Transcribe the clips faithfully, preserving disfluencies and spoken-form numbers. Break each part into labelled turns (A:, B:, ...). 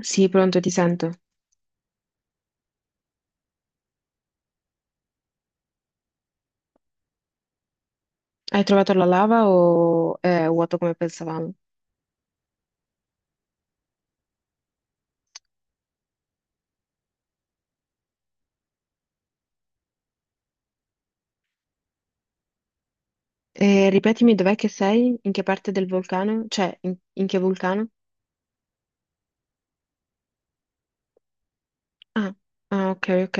A: Sì, pronto, ti sento. Hai trovato la lava o è vuoto come pensavamo? E ripetimi, dov'è che sei? In che parte del vulcano? Cioè, in, in che vulcano? Ah, ah, ok, ok.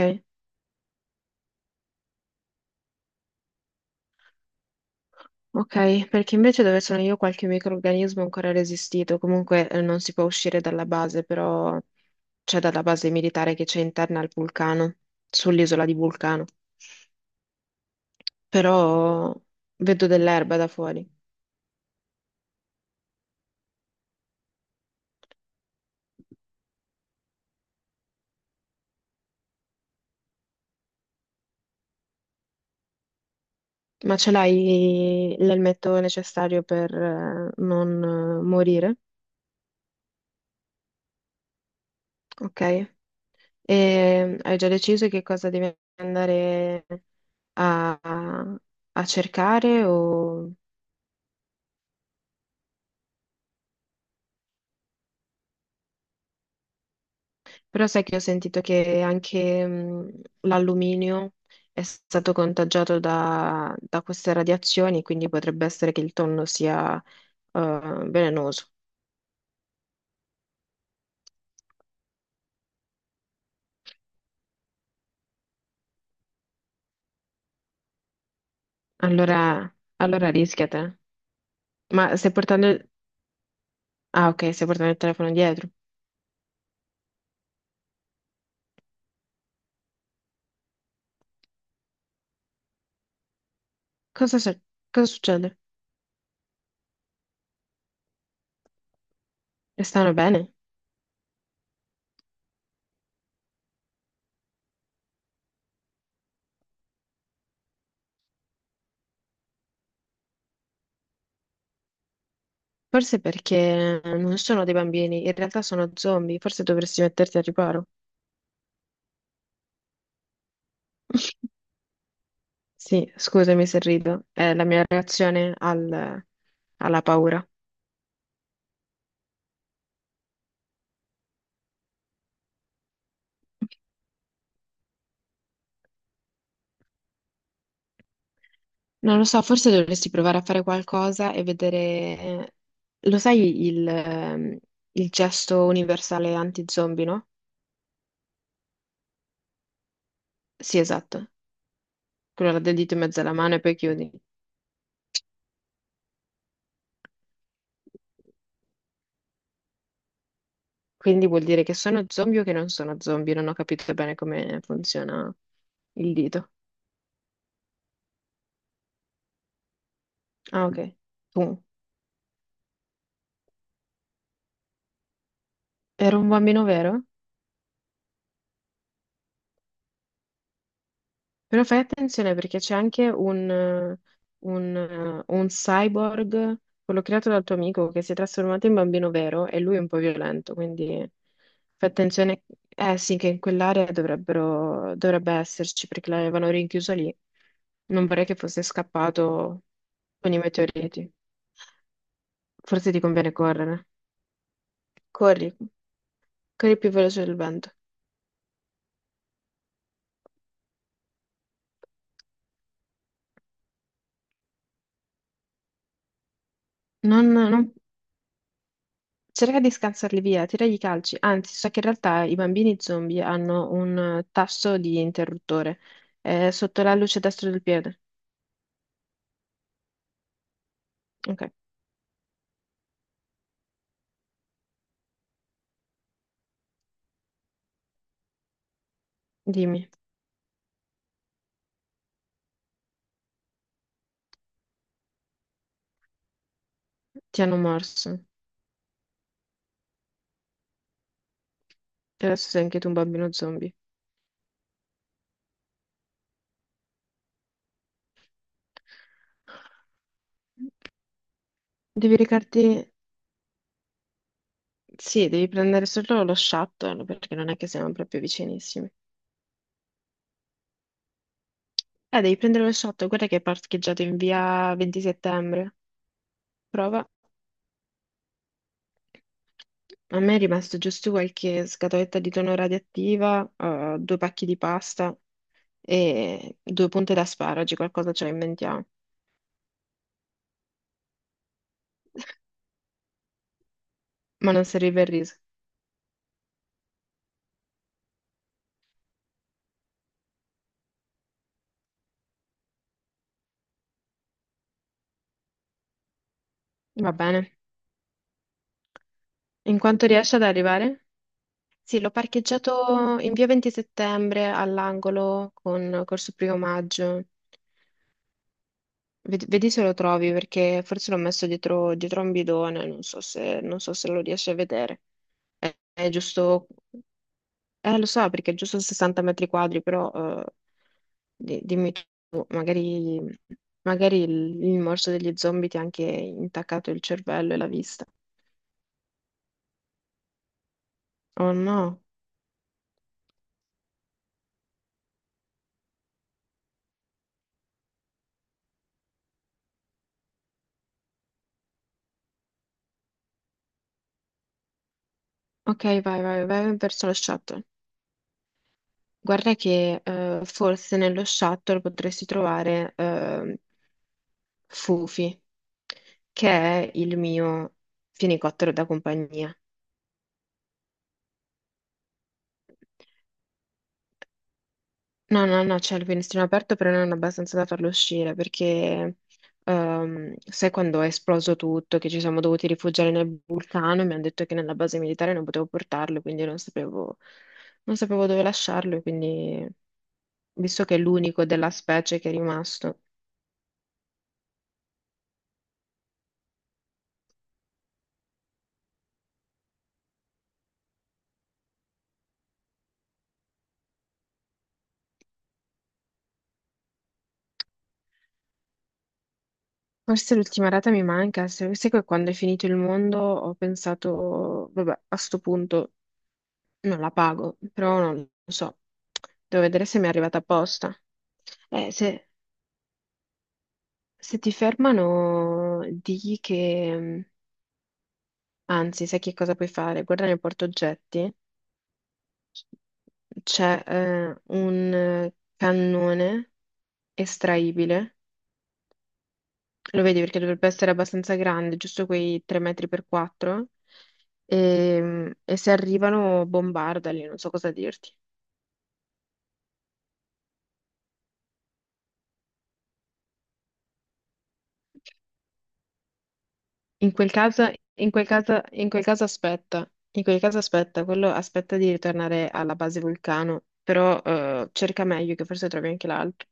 A: Ok, perché invece dove sono io qualche microrganismo è ancora resistito. Comunque eh, non si può uscire dalla base, però c'è dalla base militare che c'è interna al vulcano, sull'isola di Vulcano. Però vedo dell'erba da fuori. Ma ce l'hai l'elmetto necessario per eh, non eh, morire, ok? E mm, hai già deciso che cosa devi andare a, a cercare? O... Però sai che ho sentito che anche mm, l'alluminio è stato contagiato da, da queste radiazioni, quindi potrebbe essere che il tonno sia eh, velenoso. Allora, allora rischiate. Ma stai portando... il- Ah, ok, stai portando il telefono dietro. Cosa, suc- cosa succede? E stanno bene? Forse perché non sono dei bambini, in realtà sono zombie, forse dovresti metterti al riparo. Sì, scusami se rido, è la mia reazione al- alla paura. Non lo so, forse dovresti provare a fare qualcosa e vedere... eh, Lo sai il, ehm, il gesto universale anti-zombie, no? Sì, esatto. Quello là del dito in mezzo alla mano e poi chiudi. Quindi vuol dire che sono zombie o che non sono zombie? Non ho capito bene come funziona il dito. Ah, ok. Tu ero un bambino vero? Però fai attenzione perché c'è anche un, eh, un, eh, un cyborg, quello creato dal tuo amico, che si è trasformato in bambino vero e lui è un po' violento, quindi fai attenzione. Eh sì, che in quell'area dovrebbero, dovrebbe esserci perché l'avevano rinchiuso lì. Non vorrei che fosse scappato con i meteoriti. Forse ti conviene correre. Corri, corri più veloce del vento. Non, non- cerca di scansarli via, tiragli i calci. Anzi, so che in realtà i bambini zombie hanno un eh, tasto di interruttore eh, sotto la luce destra del piede. Ok, dimmi, ti hanno morso. E adesso sei anche tu un bambino zombie. Devi recarti... Sì, devi prendere solo lo shuttle, perché non è che siamo proprio vicinissimi. Eh, devi prendere lo shuttle, guarda che è parcheggiato in via venti settembre. Prova. A me è rimasto giusto qualche scatoletta di tonno radioattiva, eh, due pacchi di pasta e due punte d'asparagi, qualcosa ce la inventiamo. Ma non serve il riso. Va bene. In quanto riesce ad arrivare? Sì, l'ho parcheggiato in via venti settembre all'angolo con Corso Primo Maggio. Ved- Vedi se lo trovi perché forse l'ho messo dietro, dietro a un bidone, non so se, non so se lo riesci a vedere. È, è giusto. Eh, lo so, perché è giusto sessanta metri quadri, però eh, di- dimmi tu, magari, magari il, il morso degli zombie ti ha anche intaccato il cervello e la vista. Oh no. Ok, vai, vai, vai verso lo shuttle. Guarda che eh, forse nello shuttle potresti trovare eh, Fufi, che è il mio fenicottero da compagnia. No, no, no, c'è il finestrino aperto, però non abbastanza da farlo uscire perché ehm, sai quando è esploso tutto, che ci siamo dovuti rifugiare nel vulcano e mi hanno detto che nella base militare non potevo portarlo, quindi non sapevo, non sapevo dove lasciarlo, e quindi visto che è l'unico della specie che è rimasto. Forse l'ultima rata mi manca, se sai che quando è finito il mondo ho pensato, vabbè, a sto punto non la pago, però non lo so, devo vedere se mi è arrivata apposta. Eh, se... Se ti fermano, digli che, mhmm, anzi, sai che cosa puoi fare? Guarda nel portaoggetti, c'è eh, un cannone estraibile, lo vedi perché dovrebbe essere abbastanza grande, giusto quei tre metri per quattro, e, e se arrivano bombardali, non so cosa dirti. In quel caso, in quel caso, in quel caso aspetta, in quel caso aspetta, quello aspetta di ritornare alla base vulcano, però eh, cerca meglio che forse trovi anche l'altro.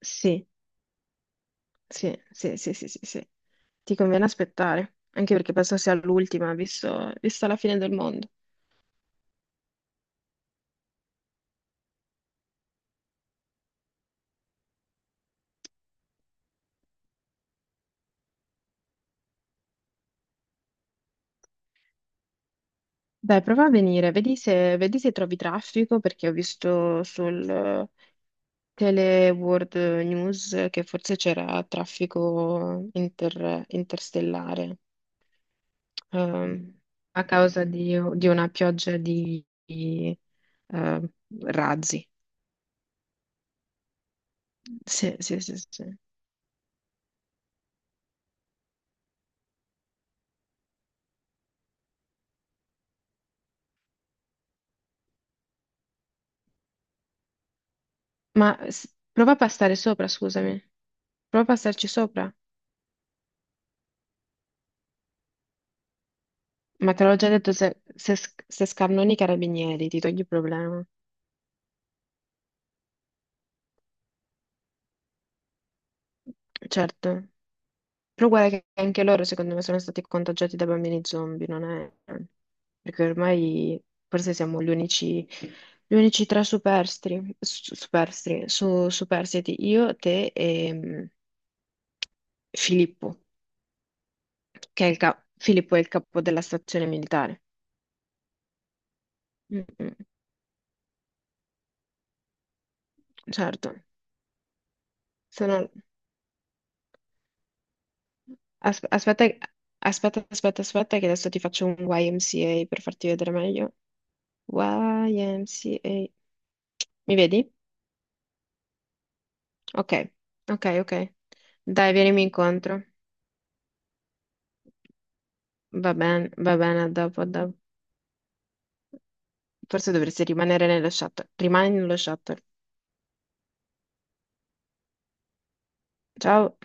A: Sì, sì, sì, sì, sì, sì, sì. Ti conviene aspettare, anche perché penso sia l'ultima, visto, vista la fine del mondo. Dai, prova a venire, vedi se, vedi se trovi traffico, perché ho visto sul eh, Tele World News che forse c'era traffico inter- interstellare. ehm, a causa di, di una pioggia di, di, eh, razzi. Sì, sì, sì, sì. Ma s- prova a passare sopra, scusami. Prova a passarci sopra. Ma te l'ho già detto, se, se, sc- se scannoni i carabinieri, ti togli il problema. Certo. Però guarda che anche loro, secondo me, sono stati contagiati da bambini zombie, non è... Perché ormai forse siamo gli unici, gli unici tre superstiti, superstiti, su, superstiti, io, te e mm, Filippo, che è il ca- Filippo è il capo della stazione militare. Mm, mm, certo. Sono... asp- aspetta, aspetta, aspetta, aspetta, che adesso ti faccio un Y M C A per farti vedere meglio. Y M C A. Mi vedi? Ok, ok, ok. Dai, vienimi incontro. Va bene, va bene, a dopo, a dopo. Forse dovresti rimanere nello shuttle. Rimani nello shuttle. Ciao.